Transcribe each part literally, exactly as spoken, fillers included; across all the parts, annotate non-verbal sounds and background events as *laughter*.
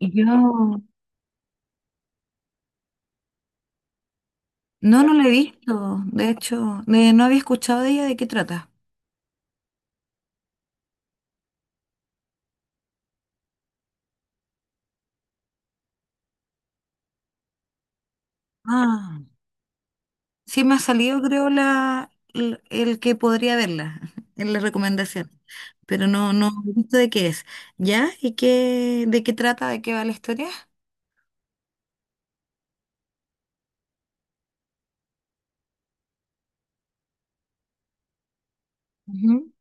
Yo no, no no la he visto. De hecho, eh, no había escuchado de ella de qué trata. Ah, sí me ha salido, creo, la, el, el que podría verla *laughs* en la recomendación. Pero no, no he visto de qué es. ¿Ya? ¿Y qué, ¿de qué trata? ¿De qué va la historia? Ujú.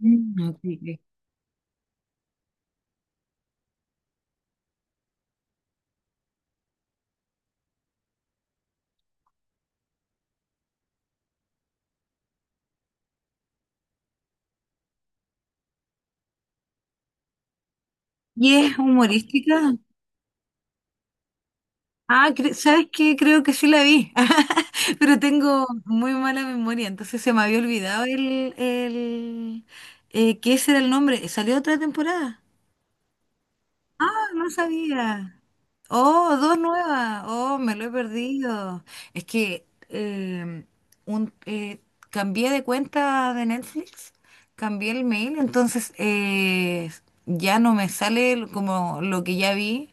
Mm, ok, ok. ¿Y es humorística? Ah, cre- ¿sabes qué? Creo que sí la vi, *laughs* pero tengo muy mala memoria, entonces se me había olvidado el, el eh, que ese era el nombre. ¿Salió otra temporada? Ah, no sabía. Oh, dos nuevas. Oh, me lo he perdido. Es que em, un, eh, cambié de cuenta de Netflix, cambié el mail, entonces eh, ya no me sale lo- como lo que ya vi,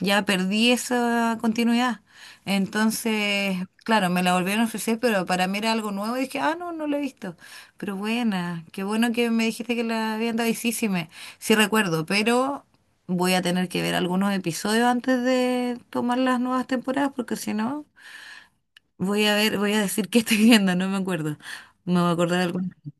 ya perdí esa continuidad. Entonces, claro, me la volvieron a ofrecer, pero para mí era algo nuevo y dije, ah, no, no lo he visto. Pero buena, qué bueno que me dijiste que la habían dado y sí, sí me, sí recuerdo, pero voy a tener que ver algunos episodios antes de tomar las nuevas temporadas porque si no, voy a ver, voy a decir qué estoy viendo, no me acuerdo. Me voy a acordar de algunas cosas.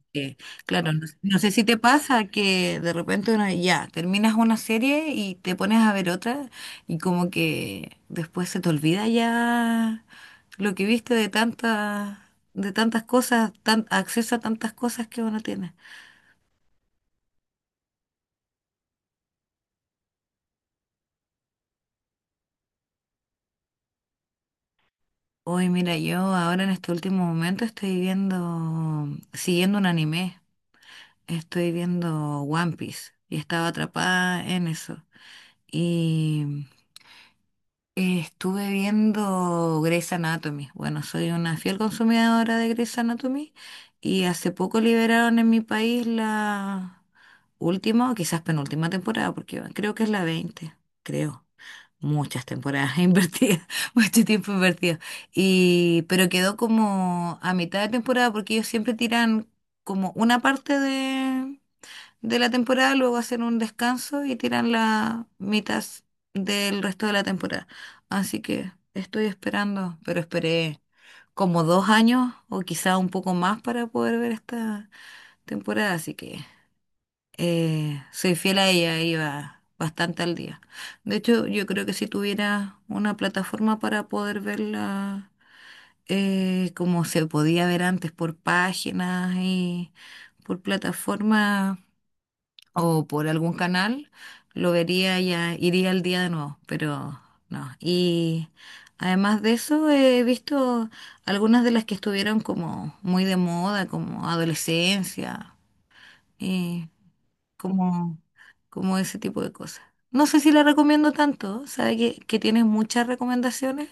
Claro, no, no sé si te pasa que de repente uno ya terminas una serie y te pones a ver otra y como que después se te olvida ya lo que viste de tantas, de tantas cosas, tan, acceso a tantas cosas que uno tiene. Uy, mira, yo ahora en este último momento estoy viendo, siguiendo un anime, estoy viendo One Piece y estaba atrapada en eso. Y eh, estuve viendo Grey's Anatomy. Bueno, soy una fiel consumidora de Grey's Anatomy y hace poco liberaron en mi país la última o quizás penúltima temporada, porque creo que es la veinte, creo. Muchas temporadas *laughs* invertidas, mucho tiempo invertido. Y pero quedó como a mitad de temporada porque ellos siempre tiran como una parte de, de la temporada, luego hacen un descanso y tiran la mitad del resto de la temporada. Así que estoy esperando, pero esperé como dos años o quizá un poco más para poder ver esta temporada, así que eh, soy fiel a ella, iba bastante al día. De hecho, yo creo que si tuviera una plataforma para poder verla eh, como se podía ver antes por páginas y por plataforma o por algún canal, lo vería ya, iría al día de nuevo, pero no. Y además de eso, he visto algunas de las que estuvieron como muy de moda, como adolescencia. Y como, como ese tipo de cosas. No sé si la recomiendo tanto, sabe que, que tiene muchas recomendaciones,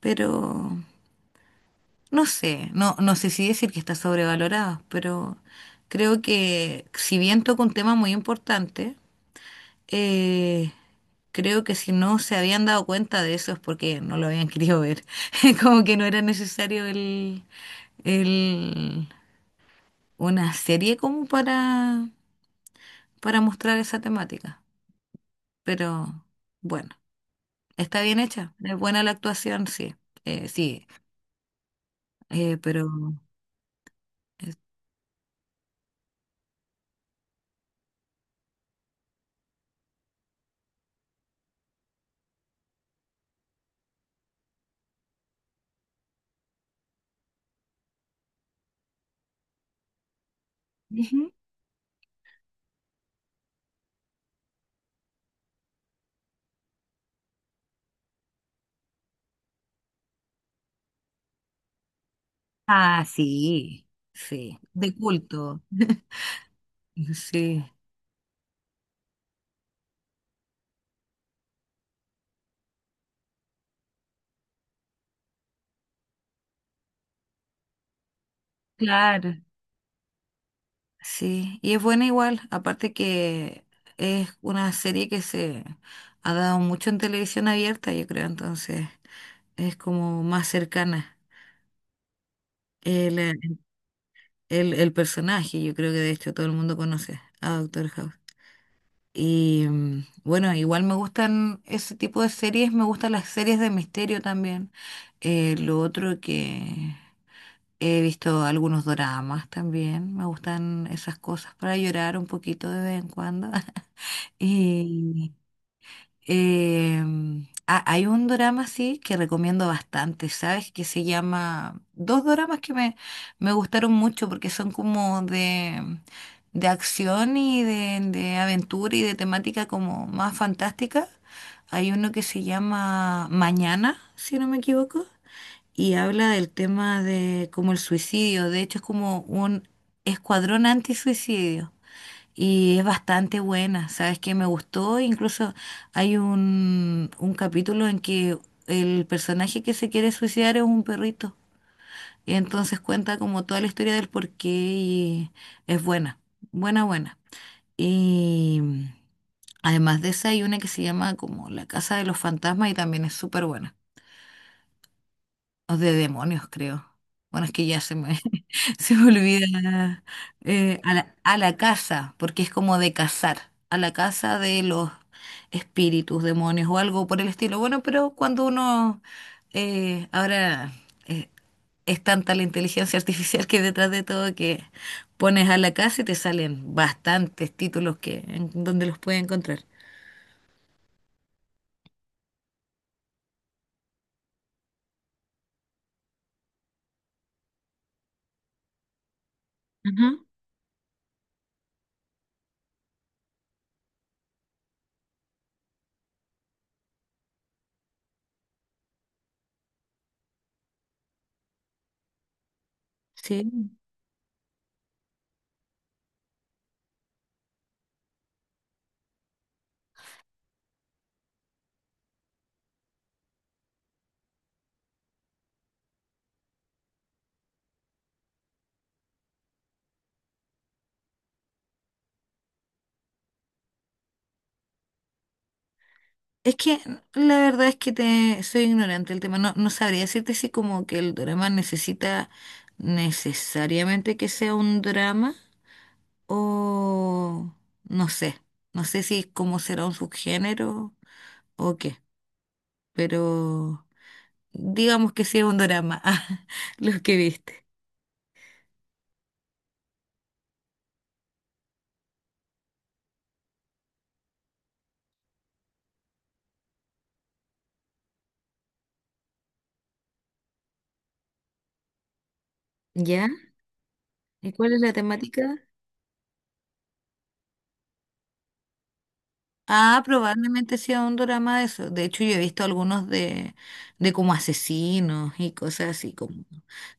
pero no sé, no, no sé si decir que está sobrevalorada, pero creo que si bien toca un tema muy importante, eh, creo que si no se habían dado cuenta de eso es porque no lo habían querido ver, *laughs* como que no era necesario el, el, una serie como para, para mostrar esa temática, pero bueno. Está bien hecha, es buena la actuación, sí, eh, sí, eh, pero... es- Ujú. Ah, sí, sí, de culto, *laughs* sí. Claro, sí, y es buena igual, aparte que es una serie que se ha dado mucho en televisión abierta, yo creo, entonces es como más cercana el, el, el personaje, yo creo que de hecho todo el mundo conoce a Doctor House. Y mm, bueno, igual me gustan ese tipo de series, me gustan las series de misterio también. Eh, lo otro que he visto algunos doramas también, me gustan esas cosas para llorar un poquito de vez en cuando. *laughs* Y Em, ah, hay un drama sí que recomiendo bastante, ¿sabes? Que se llama... Dos dramas que me, me gustaron mucho porque son como de, de acción y de, de aventura y de temática como más fantástica. Hay uno que se llama Mañana, si no me equivoco, y habla del tema de como el suicidio. De hecho, es como un escuadrón antisuicidio. Y es bastante buena, ¿sabes qué? Me gustó, incluso hay un, un capítulo en que el personaje que se quiere suicidar es un perrito. Y entonces cuenta como toda la historia del porqué y es buena, buena, buena. Y además de esa hay una que se llama como La Casa de los Fantasmas y también es súper buena. O de demonios, creo. Bueno, es que ya se me, *laughs* se me olvida eh, a la, a la casa, porque es como de cazar, a la casa de los espíritus, demonios o algo por el estilo. Bueno, pero cuando uno eh, ahora eh, es tanta la inteligencia artificial que hay detrás de todo que pones a la casa y te salen bastantes títulos que en donde los puedes encontrar. Sí. Es que la verdad es que te soy ignorante del tema. No, no sabría decirte si como que el drama necesita necesariamente que sea un drama o no sé. No sé si cómo será un subgénero o qué. Pero digamos que sí es un drama, *laughs* ah, lo que viste. ¿Ya? ¿Y cuál es la temática? Ah, probablemente sea un drama de eso. De hecho, yo he visto algunos de, de como asesinos y cosas así, como,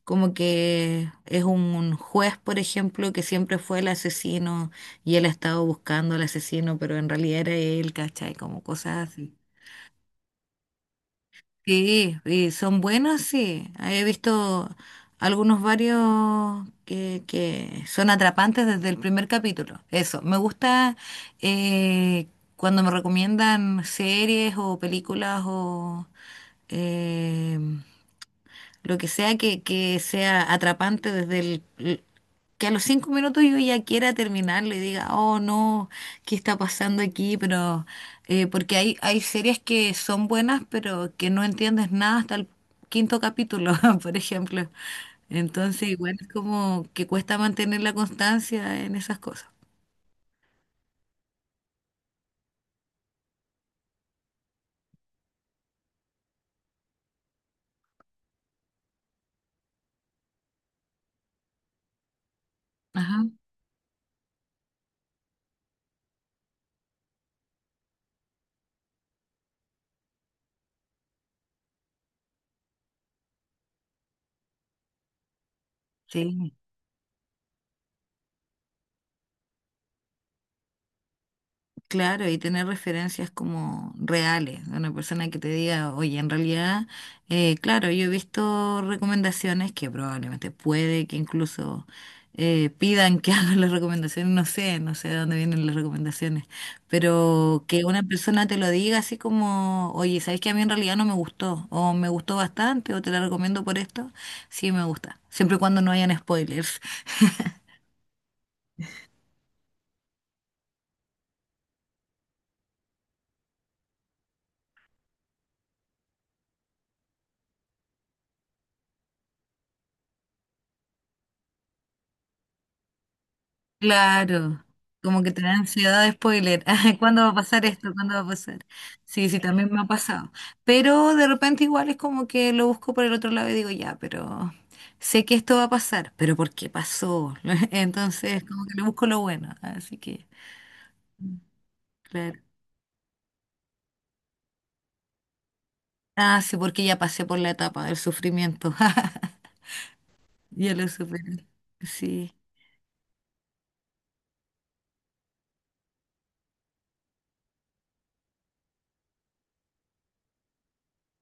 como que es un, un juez, por ejemplo, que siempre fue el asesino y él ha estado buscando al asesino, pero en realidad era él, ¿cachai? Como cosas así. Sí, y son buenos, sí. He visto algunos varios que, que son atrapantes desde el primer capítulo. Eso, me gusta eh, cuando me recomiendan series o películas o... eh, lo que sea que, que sea atrapante desde el, el- que a los cinco minutos yo ya quiera terminarlo y diga, oh no, ¿qué está pasando aquí? Pero eh, porque hay, hay series que son buenas, pero que no entiendes nada hasta el quinto capítulo, *laughs* por ejemplo. Entonces, igual es como que cuesta mantener la constancia en esas cosas. Ajá. Sí. Claro, y tener referencias como reales, de una persona que te diga, oye, en realidad, eh, claro, yo he visto recomendaciones que probablemente puede que incluso eh, pidan que *laughs* hagan las recomendaciones, no sé, no sé de dónde vienen las recomendaciones, pero que una persona te lo diga así como, oye, ¿sabes que a mí en realidad no me gustó? O me gustó bastante, o te la recomiendo por esto, sí me gusta, siempre y cuando no hayan spoilers. Claro, como que te da ansiedad de spoiler. *laughs* Ay, ¿cuándo va a pasar esto? ¿Cuándo va a pasar? Sí, sí, también me ha pasado. Pero de repente igual es como que lo busco por el otro lado y digo, ya, pero sé que esto va a pasar, pero ¿por qué pasó? *laughs* Entonces, como que le busco lo bueno. Así que, claro. Ah, sí, porque ya pasé por la etapa del sufrimiento. *laughs* Ya lo superé. Sí.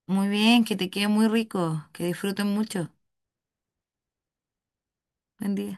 Muy bien, que te quede muy rico, que disfruten mucho. Buen día.